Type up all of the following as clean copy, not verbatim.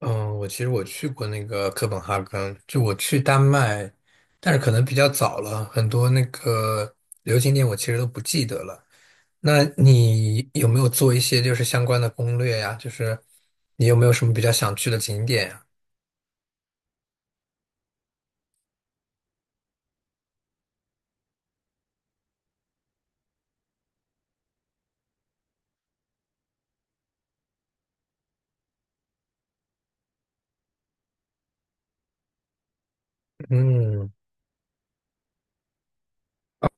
嗯，我其实去过那个哥本哈根，就我去丹麦，但是可能比较早了，很多那个旅游景点我其实都不记得了。那你有没有做一些就是相关的攻略呀？就是你有没有什么比较想去的景点呀？嗯，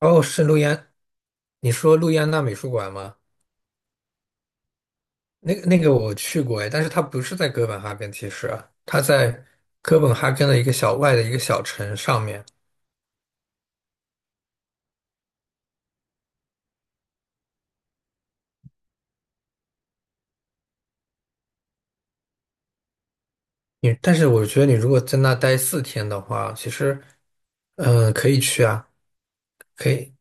哦，是路易安，你说路易安娜美术馆吗？那个我去过哎，但是它不是在哥本哈根，其实它在哥本哈根的一个小外的一个小城上面。你，但是我觉得你如果在那待四天的话，其实，可以去啊，可以，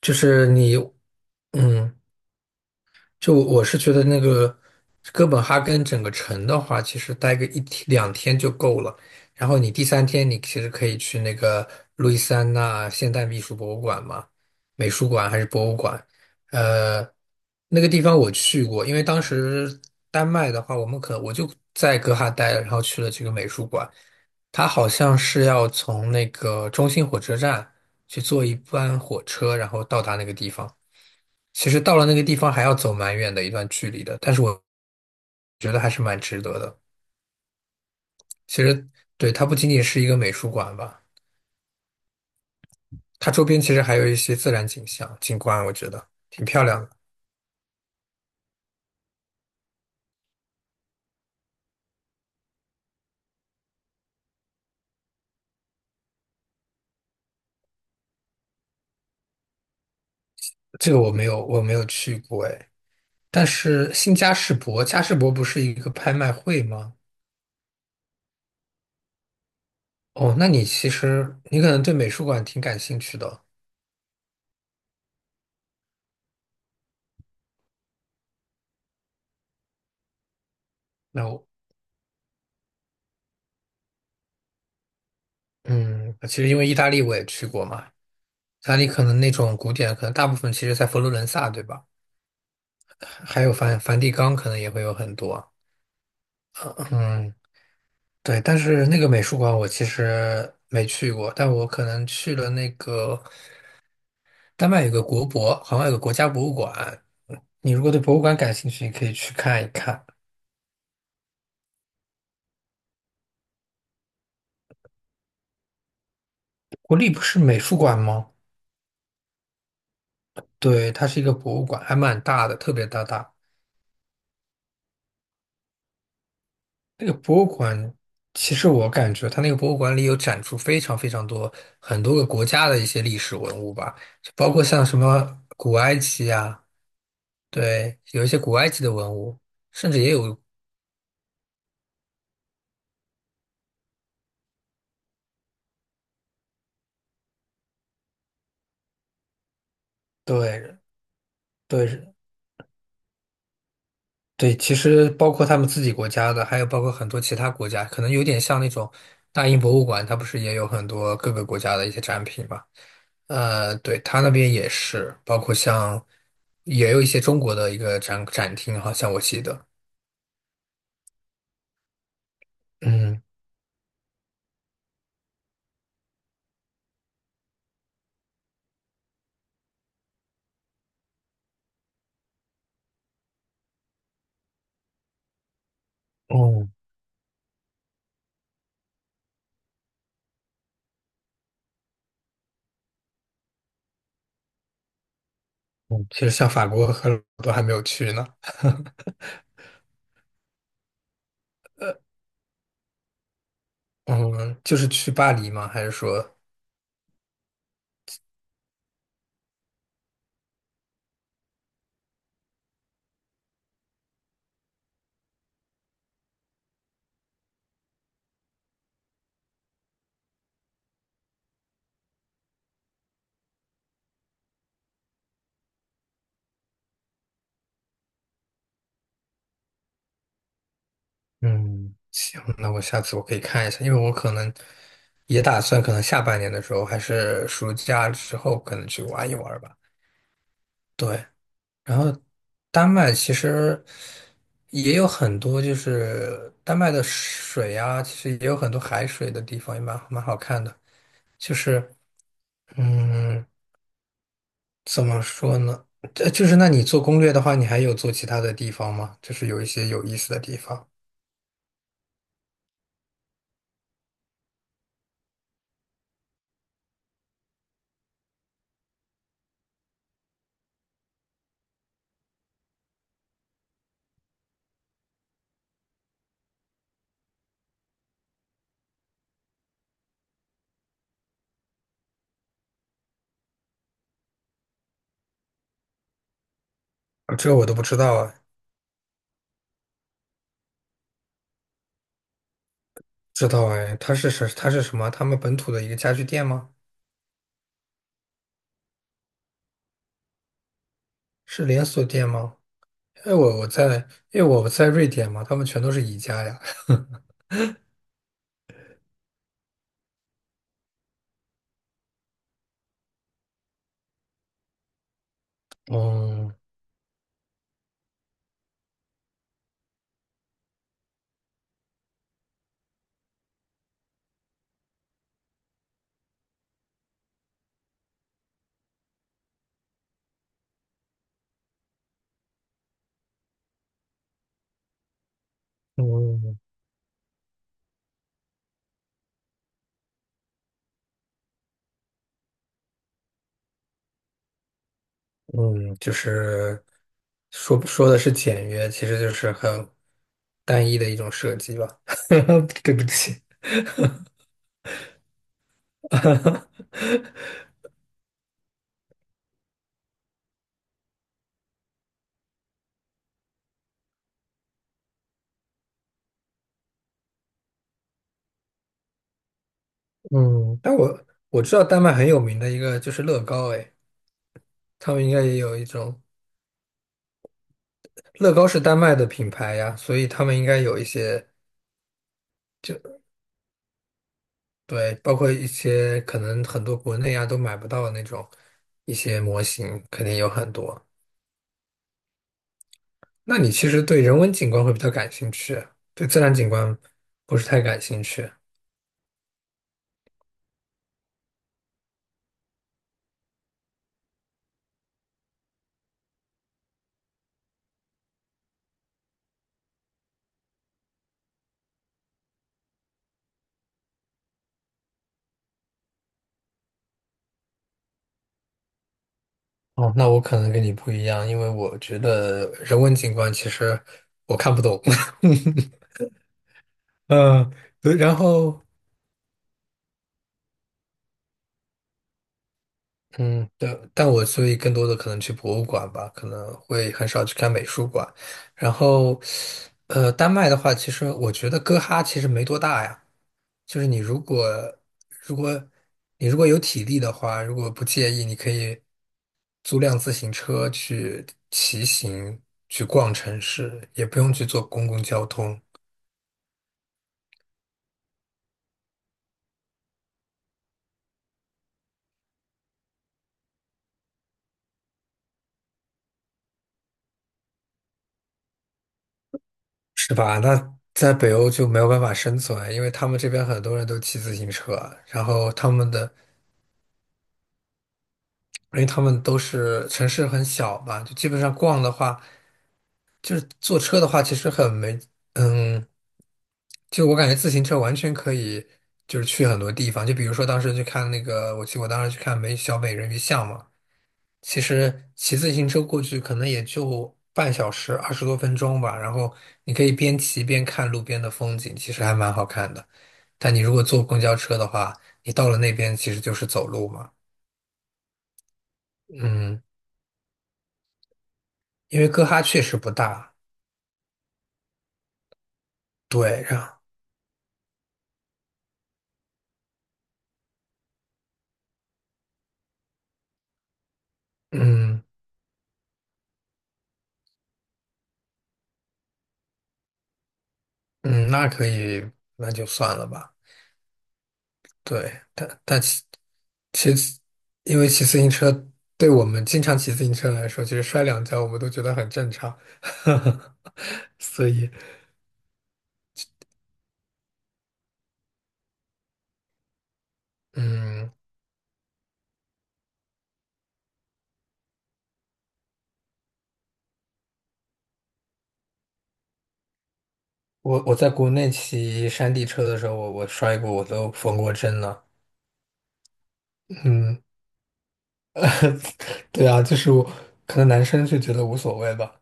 就是你，嗯，就我是觉得那个哥本哈根整个城的话，其实待个一天两天就够了。然后你第三天，你其实可以去那个路易斯安那现代艺术博物馆嘛，美术馆还是博物馆？呃，那个地方我去过，因为当时丹麦的话，我们可我就在哥哈待了，然后去了这个美术馆。它好像是要从那个中心火车站去坐一班火车，然后到达那个地方。其实到了那个地方还要走蛮远的一段距离的，但是我觉得还是蛮值得的。其实，对，它不仅仅是一个美术馆吧，它周边其实还有一些自然景象景观，我觉得挺漂亮的。我没有去过哎。但是新嘉士伯，嘉士伯不是一个拍卖会吗？哦，那你其实你可能对美术馆挺感兴趣的哦。那我嗯，其实因为意大利我也去过嘛，意大利可能那种古典，可能大部分其实在佛罗伦萨，对吧？还有梵蒂冈，可能也会有很多。呃嗯，对，但是那个美术馆我其实没去过，但我可能去了那个丹麦有个国博，好像有个国家博物馆。嗯你如果对博物馆感兴趣，你可以去看一看。国立不是美术馆吗？对，它是一个博物馆，还蛮大的，特别大。那个博物馆，其实我感觉它那个博物馆里有展出非常多很多个国家的一些历史文物吧，就包括像什么古埃及啊，对，有一些古埃及的文物，甚至也有，对对对，其实包括他们自己国家的，还有包括很多其他国家，可能有点像那种大英博物馆，它不是也有很多各个国家的一些展品嘛？呃，对，他那边也是，包括像也有一些中国的一个展厅，好像我记得。嗯，哦，嗯其实像法国和我都还没有去呢。嗯，就是去巴黎吗？还是说，嗯，行，那我下次我可以看一下，因为我可能也打算，可能下半年的时候，还是暑假之后，可能去玩一玩吧。对，然后丹麦其实也有很多，就是丹麦的水啊，其实也有很多海水的地方，也蛮好看的。就是，嗯。怎么说呢？就是那你做攻略的话，你还有做其他的地方吗？就是有一些有意思的地方，啊，这个我都不知道啊。知道哎，它是什么？他们本土的一个家具店吗？是连锁店吗？哎，我我在，因为我在瑞典嘛，他们全都是宜家呀。嗯嗯嗯，就是说的是简约，其实就是很单一的一种设计吧。对不起，嗯，但我知道丹麦很有名的一个就是乐高，哎，他们应该也有一种乐高是丹麦的品牌呀，所以他们应该有一些就对，包括一些可能很多国内啊都买不到的那种一些模型，肯定有很多。那你其实对人文景观会比较感兴趣，对自然景观不是太感兴趣。哦，那我可能跟你不一样，因为我觉得人文景观其实我看不懂。嗯，对，然后嗯，对，但我所以更多的可能去博物馆吧，可能会很少去看美术馆。然后，呃，丹麦的话，其实我觉得哥哈其实没多大呀，就是如果你如果有体力的话，如果不介意，你可以租辆自行车去骑行，去逛城市，也不用去坐公共交通，是吧？那在北欧就没有办法生存，因为他们这边很多人都骑自行车，然后他们的。因为他们都是城市很小吧，就基本上逛的话，就是坐车的话，其实很没，嗯，就我感觉自行车完全可以，就是去很多地方。就比如说当时去看那个，我当时去看美小美人鱼像嘛，其实骑自行车过去可能也就半小时二十多分钟吧，然后你可以边骑边看路边的风景，其实还蛮好看的。但你如果坐公交车的话，你到了那边其实就是走路嘛，嗯，因为哥哈确实不大。对，呀，嗯嗯，那可以，那就算了吧。对，但但骑，因为骑自行车对我们经常骑自行车来说，其实摔两跤我们都觉得很正常。所以，嗯，我在国内骑山地车的时候，我摔过，我都缝过针了。嗯，对啊，就是我可能男生就觉得无所谓吧。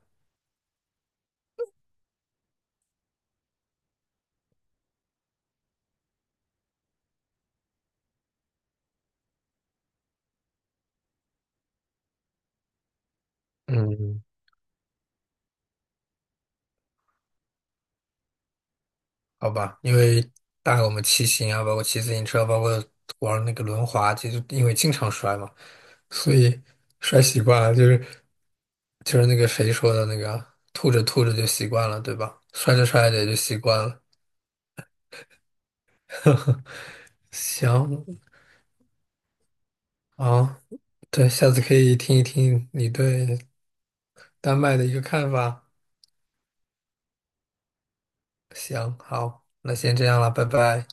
嗯。好吧，因为当然我们骑行啊，包括骑自行车，包括玩那个轮滑，其实因为经常摔嘛，所以摔习惯了，就是那个谁说的那个，吐着吐着就习惯了，对吧？摔着摔着也就习惯了。行啊，对，下次可以听一听你对丹麦的一个看法。行，好，那先这样了，拜拜。